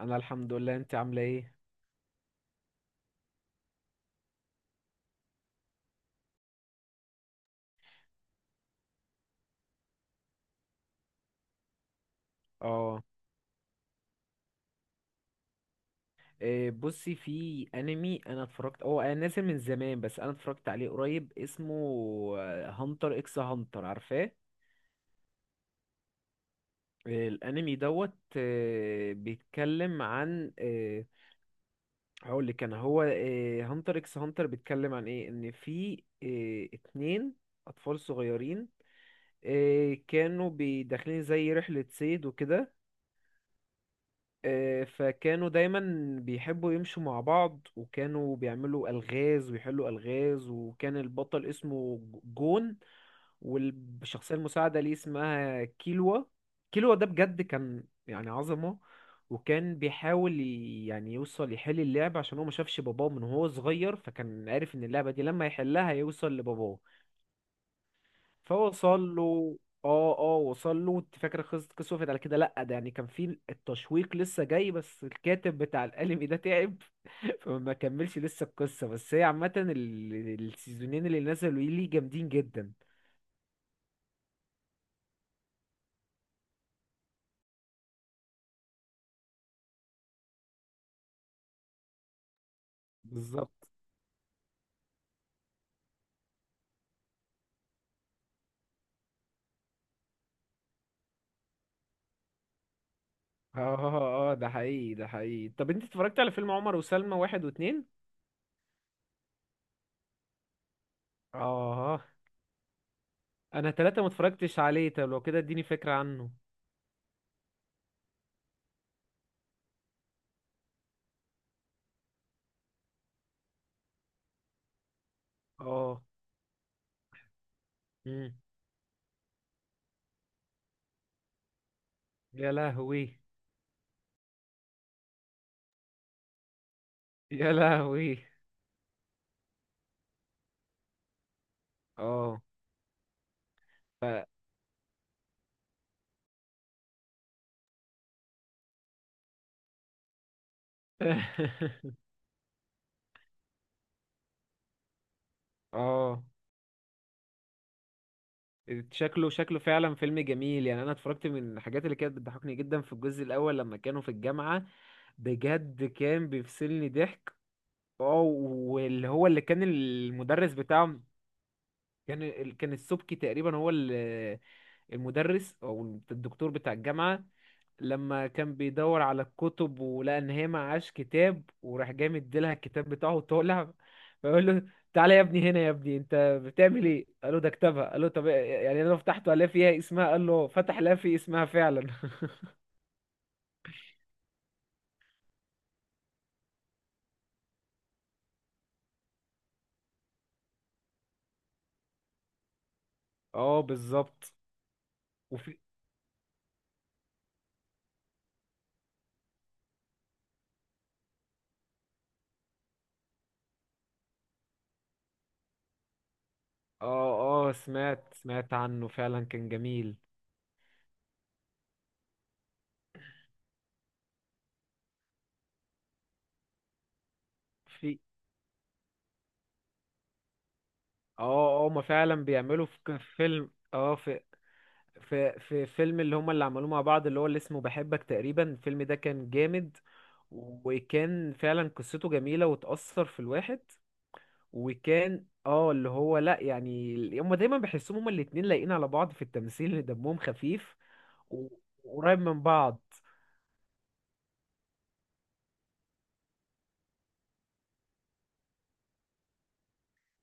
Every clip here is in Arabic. انا الحمد لله، انت عامله ايه؟ اه. بصي، في انمي انا اتفرجت، هو انا نازل من زمان بس انا اتفرجت عليه قريب، اسمه هانتر اكس هانتر، عارفاه؟ الانمي دوت. بيتكلم عن هقول لك انا، هو هانتر اكس هانتر بيتكلم عن ايه؟ ان في اتنين اطفال صغيرين. كانوا داخلين زي رحلة صيد وكده. فكانوا دايما بيحبوا يمشوا مع بعض، وكانوا بيعملوا ألغاز ويحلوا ألغاز، وكان البطل اسمه جون، والشخصية المساعدة ليه اسمها كيلوا. كيلوا ده بجد كان يعني عظمة، وكان بيحاول يعني يوصل يحل اللعبة، عشان هو ما شافش باباه من هو صغير، فكان عارف ان اللعبة دي لما يحلها يوصل لباباه. فهو وصل له. اه، اه وصل له. انت فاكر قصه وقفت على كده؟ لا ده يعني كان في التشويق لسه جاي، بس الكاتب بتاع الانمي ده تعب فما كملش لسه القصه. بس هي عامه السيزونين اللي نزلوا ليه جامدين جدا. بالظبط. اه اه ده حقيقي، ده حقيقي. طب انت اتفرجت على فيلم عمر وسلمى واحد واتنين؟ اه، انا تلاتة ما اتفرجتش عليه، طب لو كده اديني فكرة عنه. اه. مم. يا لهوي. يا لهوي. اه. ف اه. شكله فعلا فيلم جميل. يعني انا اتفرجت، من الحاجات اللي كانت بتضحكني جدا في الجزء الاول لما كانوا في الجامعة، بجد كان بيفصلني ضحك. اه. واللي هو اللي كان المدرس بتاعهم، كان السبكي تقريبا هو اللي المدرس او الدكتور بتاع الجامعه. لما كان بيدور على الكتب ولقى ان هي معهاش كتاب، وراح جاي مديلها الكتاب بتاعه وطالع فيقول له تعالى يا ابني هنا، يا ابني انت بتعمل ايه؟ قال له ده كتابها. قال له طب يعني انا لو فتحته الاقي فيها اسمها، قال له فتح، لا، في اسمها فعلا. اه بالظبط. وفي اه اه سمعت عنه فعلا، كان جميل. في اه اه ما فعلا بيعملوا في فيلم، اه، في فيلم اللي هما اللي عملوه مع بعض، اللي هو اللي اسمه بحبك تقريبا، الفيلم ده كان جامد. وكان فعلا قصته جميلة وتأثر في الواحد. وكان اه اللي هو لا يعني، هما دايما بحسهم هما الاتنين لايقين على بعض في التمثيل، دمهم خفيف. و- وقريب من بعض.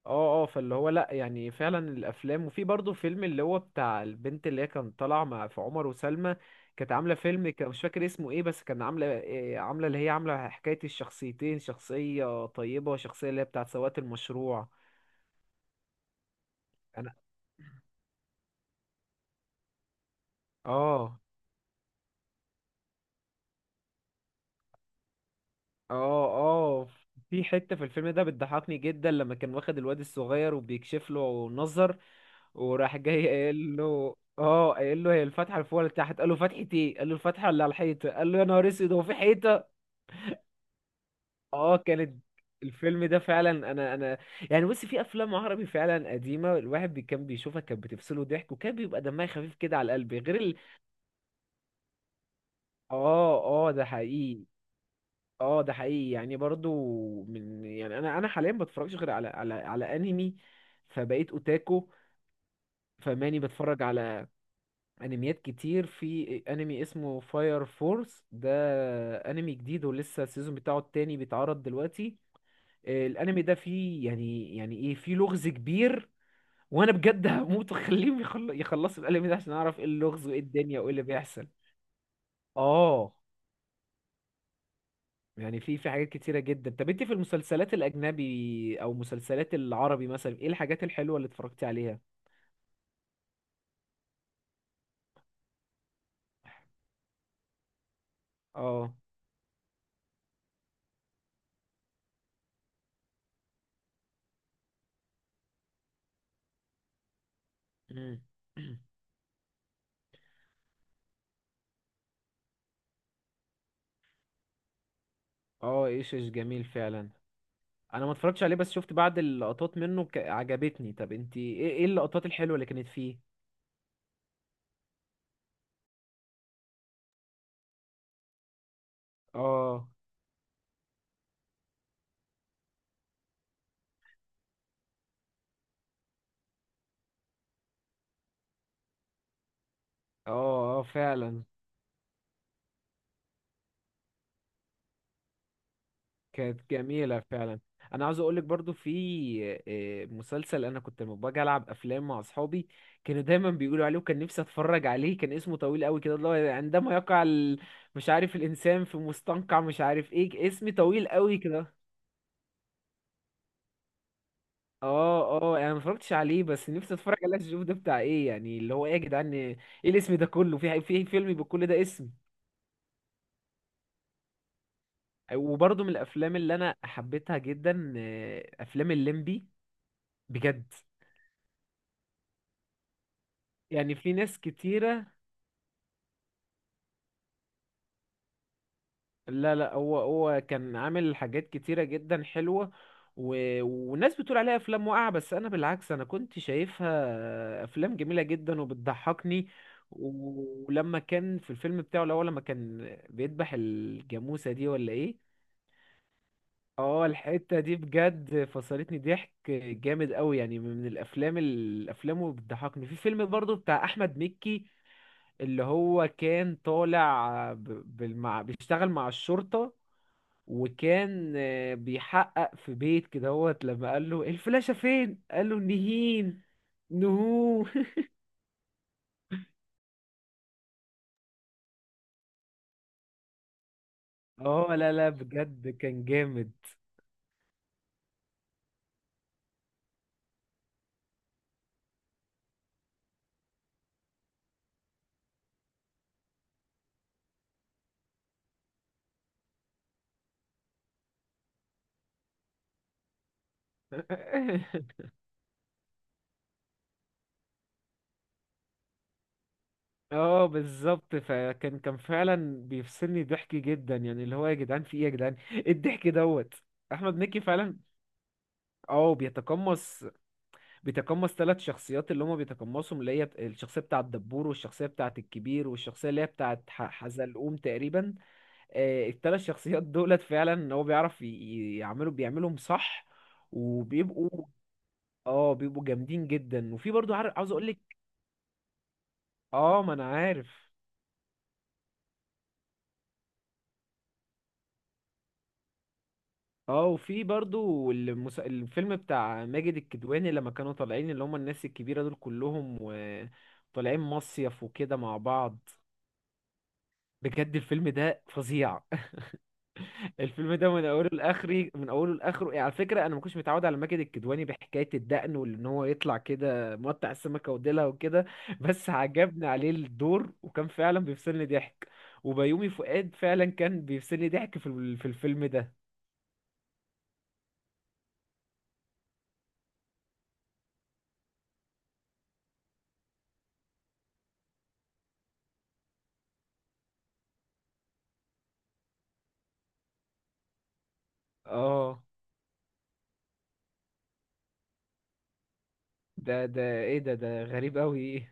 اه اه فاللي هو لا يعني فعلا الافلام. وفي برضه فيلم اللي هو بتاع البنت اللي هي كان طالعه مع في عمر وسلمى، كانت عامله فيلم كان مش فاكر اسمه ايه، بس كان عامله اللي هي عامله حكايه الشخصيتين، شخصيه طيبه وشخصيه اللي هي بتاعت سواقه المشروع. انا. اه اه اه في حته في الفيلم ده بتضحكني جدا لما كان واخد الواد الصغير وبيكشف له نظر، وراح جاي قايل له هي الفتحه اللي فوق ولا تحت؟ قال له فتحه ايه؟ قال له الفتحه اللي على الحيطه. قال له يا نهار اسود، هو في حيطه؟ اه كانت. الفيلم ده فعلا، انا يعني بص، في افلام عربي فعلا قديمه الواحد كان بيشوفها، كانت بتفصله ضحك وكان بيبقى دمها خفيف كده على القلب غير اه. اه ده حقيقي، اه ده حقيقي. يعني برضو من يعني انا حاليا بتفرجش غير على انمي، فبقيت اوتاكو، فماني بتفرج على انميات كتير. في انمي اسمه فاير فورس، ده انمي جديد ولسه السيزون بتاعه التاني بيتعرض دلوقتي. الانمي ده فيه يعني ايه، فيه لغز كبير، وانا بجد هموت واخليهم يخلصوا الانمي ده عشان اعرف ايه اللغز وايه الدنيا وايه اللي بيحصل. اه يعني في حاجات كتيرة جدا. طب انت في المسلسلات الاجنبي او مسلسلات العربي مثلا، ايه الحاجات الحلوة اللي اتفرجتي عليها؟ اه. مم. اه ايش ايش جميل فعلا. انا ما اتفرجتش عليه بس شفت بعض اللقطات منه عجبتني. طب انت ايه اللقطات الحلوة اللي كانت فيه؟ اه اه اه فعلا كانت جميلة فعلا. انا عاوز اقولك، برضو في مسلسل انا كنت لما باجي العب افلام مع اصحابي كانوا دايما بيقولوا عليه، وكان نفسي اتفرج عليه، كان اسمه طويل قوي كده، اللي هو عندما يقع مش عارف الانسان في مستنقع مش عارف ايه، اسم طويل قوي كده. اه اه انا ما اتفرجتش عليه بس نفسي اتفرج عليه عشان اشوف ده بتاع ايه يعني، اللي هو ايه يا جدعان ايه الاسم ده كله، في في فيلم بكل ده اسم. وبرضه من الافلام اللي انا حبيتها جدا افلام الليمبي، بجد. يعني في ناس كتيرة. لا لا، هو هو كان عامل حاجات كتيرة جدا حلوة. و... والناس بتقول عليها أفلام واقعة، بس أنا بالعكس أنا كنت شايفها أفلام جميلة جدا وبتضحكني. ولما كان في الفيلم بتاعه الأول لما كان بيذبح الجاموسة دي ولا إيه؟ اه الحتة دي بجد فصلتني ضحك جامد قوي. يعني من الأفلام، اللي بتضحكني، في فيلم برضو بتاع أحمد مكي، اللي هو كان طالع بيشتغل مع الشرطة، وكان بيحقق في بيت كده هوت، لما قال له الفلاشة فين؟ قال له نهين، نهو. اه لا لا بجد كان جامد. اه بالظبط. فكان فعلا بيفصلني ضحك جدا. يعني اللي هو يا جدعان في ايه يا جدعان ايه الضحك دوت. احمد مكي فعلا. اه بيتقمص. ثلاث شخصيات، اللي هما بيتقمصهم اللي هي الشخصيه بتاعه الدبور، والشخصيه بتاعه الكبير، والشخصيه اللي هي بتاعه حزلقوم تقريبا. الثلاث شخصيات دولت فعلا هو بيعرف يعملوا بيعملهم صح، وبيبقوا. اه بيبقوا جامدين جدا. وفي برضو، عارف عاوز اقول لك. اه ما انا عارف. اه وفي برضو الفيلم بتاع ماجد الكدواني، لما كانوا طالعين اللي هم الناس الكبيرة دول كلهم وطالعين مصيف وكده مع بعض، بجد الفيلم ده فظيع. الفيلم ده من اوله لاخره، من اوله لاخره. يعني على فكره انا ما كنتش متعود على ماجد الكدواني بحكايه الدقن وان هو يطلع كده مقطع السمكه وديلها وكده، بس عجبني عليه الدور، وكان فعلا بيفصلني ضحك. وبيومي فؤاد فعلا كان بيفصلني ضحك في في الفيلم ده. اه ده ايه، ده غريب قوي.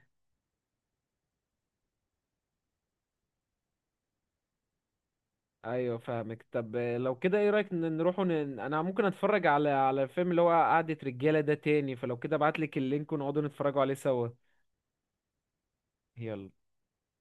ايوه فاهمك. طب لو كده ايه رايك نروحوا انا ممكن اتفرج على الفيلم اللي هو قعدة رجاله ده تاني، فلو كده ابعت لك اللينك ونقعدوا نتفرجوا عليه سوا. يلا.